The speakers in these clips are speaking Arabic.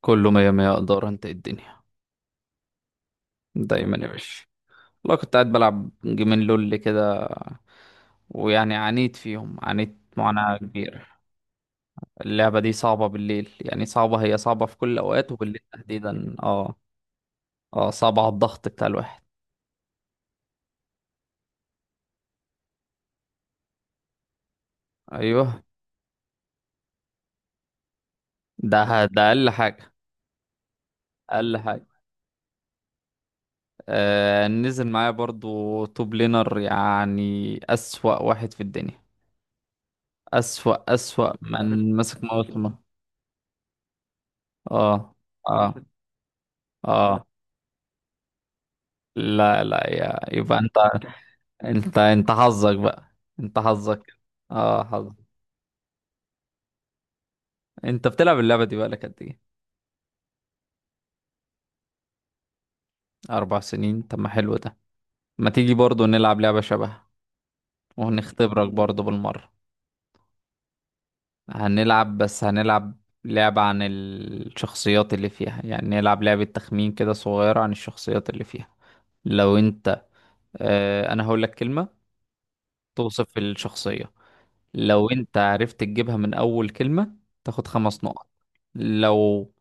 كله مية مية، اقدر. انت إيه الدنيا؟ دايما يا باشا. والله كنت قاعد بلعب جيمين لول كده، ويعني عانيت فيهم، عانيت معاناة كبيرة. اللعبة دي صعبة بالليل، يعني صعبة، هي صعبة في كل الأوقات، وبالليل تحديدا اه. اه، صعبة على الضغط بتاع الواحد. أيوه. ده ده أقل حاجة. أقل حاجة. آه، نزل معايا برضو توب لينر يعني أسوأ واحد في الدنيا. أسوأ، أسوأ من مسك موسمه. اه اه اه. لا لا، يا يبقى انت، انت حظك بقى. انت حظك. اه، حظك. انت بتلعب اللعبة دي بقى لك قد ايه؟ 4 سنين؟ طب ما حلو ده. ما تيجي برضو نلعب لعبة شبهها؟ وهنختبرك برضو بالمرة. هنلعب، بس هنلعب لعبة عن الشخصيات اللي فيها، يعني نلعب لعبة تخمين كده صغيرة عن الشخصيات اللي فيها. لو انت اه انا هقول لك كلمة توصف الشخصية. لو انت عرفت تجيبها من اول كلمة تاخد 5 نقط. لو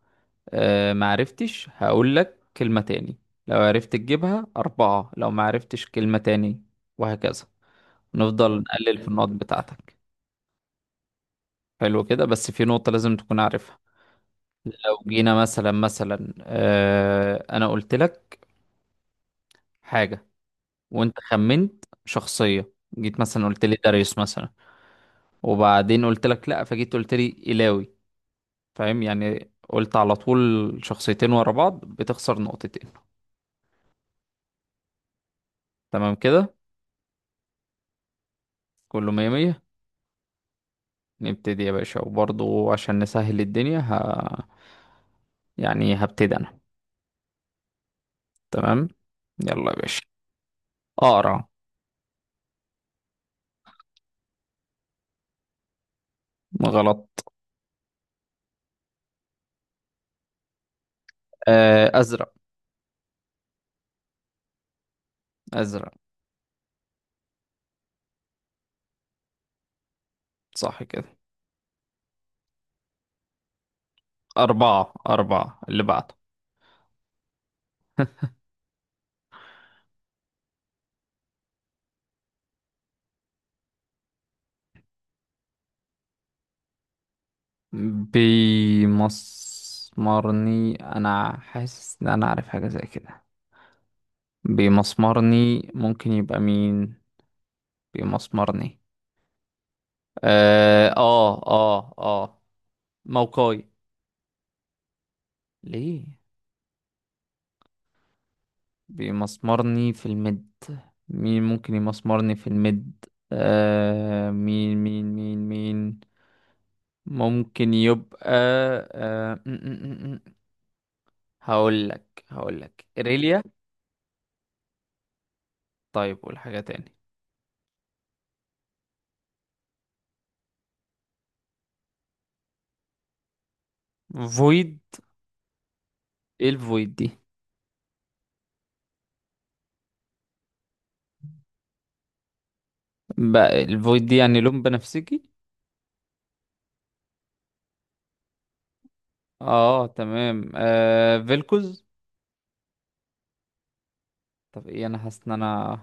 معرفتش هقول لك كلمة تاني، لو عرفت تجيبها أربعة، لو معرفتش كلمة تاني وهكذا. نفضل نقلل في النقط بتاعتك. حلو كده، بس في نقطة لازم تكون عارفها. لو جينا مثلا، مثلا أه أنا قلت لك حاجة وأنت خمنت شخصية، جيت مثلا قلت لي داريوس مثلا، وبعدين قلت لك لأ، فجيت قلت لي إيلاوي. فاهم؟ يعني قلت على طول شخصيتين ورا بعض بتخسر نقطتين. تمام كده؟ كله مية مية. نبتدي يا باشا، وبرضه عشان نسهل الدنيا يعني هبتدي انا. تمام. يلا يا باشا. اقرا. غلط. آه، ازرق. ازرق. صح كده. اربعة اربعة اللي بعده. بيمسمرني؟ انا حاسس ان انا عارف حاجة زي كده. بيمسمرني، ممكن يبقى مين؟ بيمسمرني. اه اه اه، آه. موقعي؟ ليه؟ بيمسمرني في المد؟ مين ممكن يمسمرني في المد؟ آه، مين. ممكن يبقى؟ آه م- م- م- م. هقول لك إيريليا. طيب قول حاجة تاني. فويد. ايه الفويد دي؟ بقى الفويد دي يعني لون بنفسجي؟ اه تمام. آه، فيلكوز. طب ايه، انا حاسس ان انا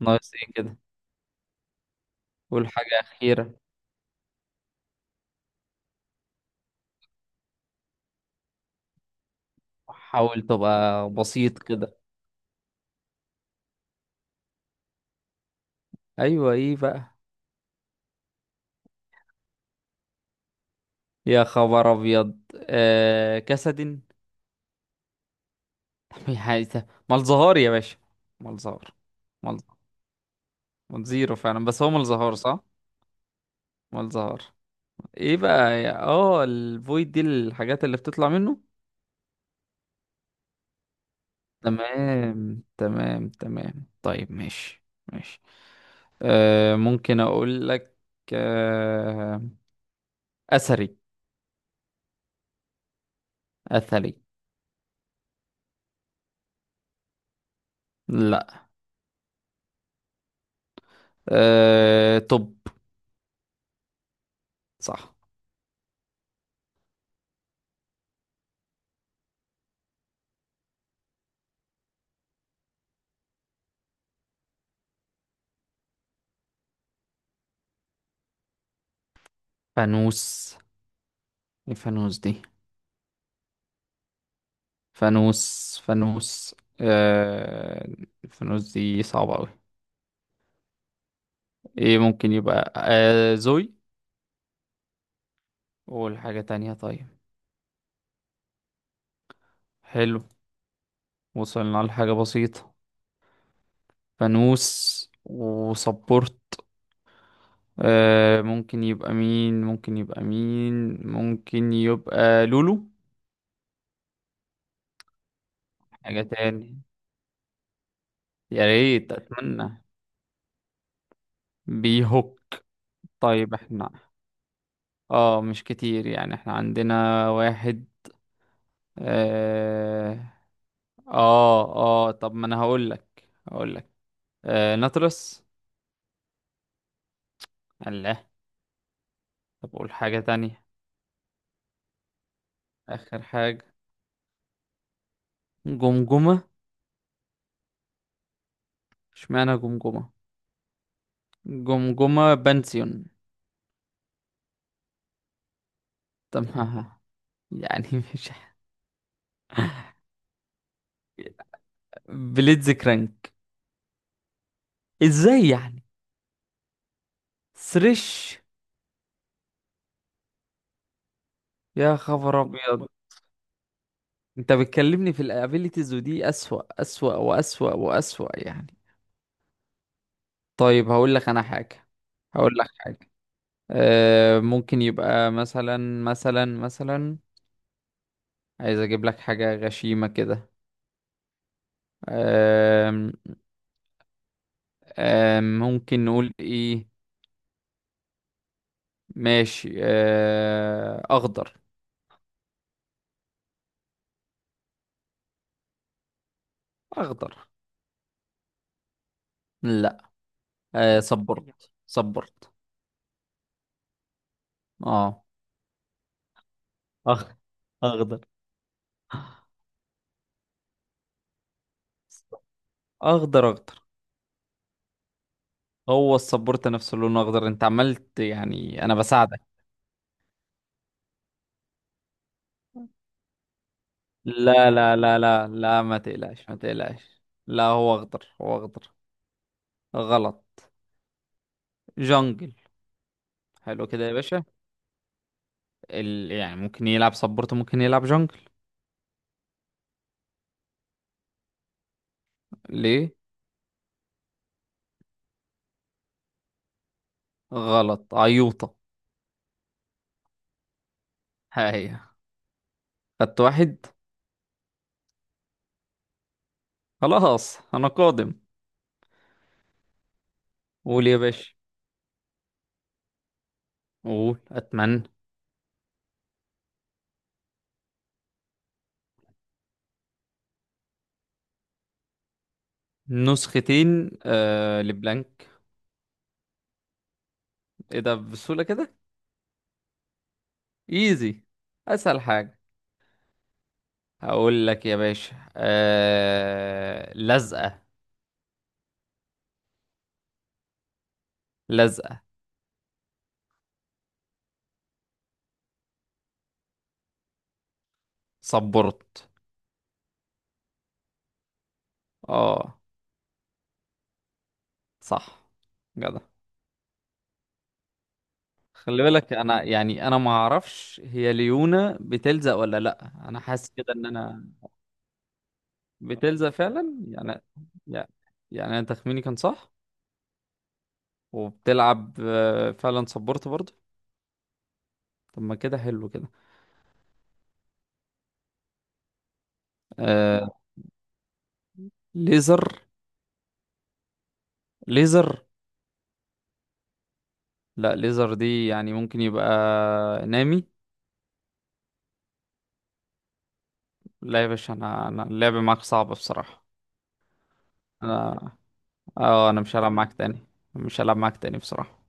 ناقص ايه كده. قول حاجة أخيرة. حاول تبقى بسيط كده. ايوه، ايه بقى؟ يا خبر ابيض. آه، كسد حاجة مالزهار يا باشا. مالزهار. مالزهار. مالزيرو فعلا، بس هو مالزهار صح. مالزهار. ايه بقى يا الفويد دي الحاجات اللي بتطلع منه؟ تمام تمام تمام. طيب ماشي. ماشي. آه، ممكن اقول لك. آه، اثري. اثري. لا. آه طب. صح. فانوس. ايه فانوس دي؟ فانوس فانوس. آه، الفانوس دي صعبة أوي. ايه ممكن يبقى؟ آه، زوي. والحاجة تانية طيب. حلو، وصلنا لحاجة بسيطة. فانوس وسبورت. آه، ممكن يبقى مين؟ ممكن يبقى مين؟ ممكن يبقى لولو. حاجة تاني. يا ريت، أتمنى. بيهوك. طيب احنا، اه مش كتير، يعني احنا عندنا واحد. آه. اه اه، طب ما انا هقول لك آه، نطرس. الله. طب قول حاجة تانية. اخر حاجة. جمجمة. اشمعنى جمجمة؟ جمجمة بنسيون. طب ما- يعني مش بليتز كرانك؟ ازاي يعني؟ سريش. يا خبر ابيض. انت بتكلمني في الابيليتيز، ودي اسوأ اسوأ واسوأ واسوأ يعني. طيب هقول لك انا حاجة. هقول لك حاجة. آه، ممكن يبقى مثلا، مثلا عايز اجيب لك حاجة غشيمة كده. آم، ممكن نقول ايه؟ ماشي. آه، اخضر. اخضر. لا. آه، صبرت صبرت. اه. أخ... اخضر. اخضر اخضر. هو السبورت نفسه لونه اخضر، انت عملت يعني انا بساعدك. لا لا لا لا لا، ما تقلقش ما تقلقش، لا هو اخضر، هو اخضر. غلط. جونجل. حلو كده يا باشا. يعني ممكن يلعب سبورت، ممكن يلعب جونجل. ليه؟ غلط عيوطة. هاي. خدت واحد. خلاص انا قادم. قول يا باشا. قول اتمنى. نسختين؟ آه، لبلانك. ايه ده بسهولة كده؟ ايزي، اسهل حاجة. هقول لك يا باشا، لزقة. لزقة. سبورت. اه. صح. جدع. خلي بالك، انا يعني انا ما اعرفش هي ليونا بتلزق ولا لا، انا حاسس كده ان انا بتلزق فعلا يعني. يعني يعني انا تخميني كان صح. وبتلعب آه، فعلا سبورت برضه. طب ما كده حلو كده. آه، ليزر. ليزر. لا، ليزر دي يعني ممكن يبقى نامي. لا يا باشا، انا اللعب معاك صعب بصراحة. انا، اه، انا مش هلعب معاك تاني. مش هلعب معاك تاني بصراحة.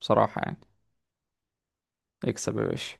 بصراحة يعني. اكسب يا باشا.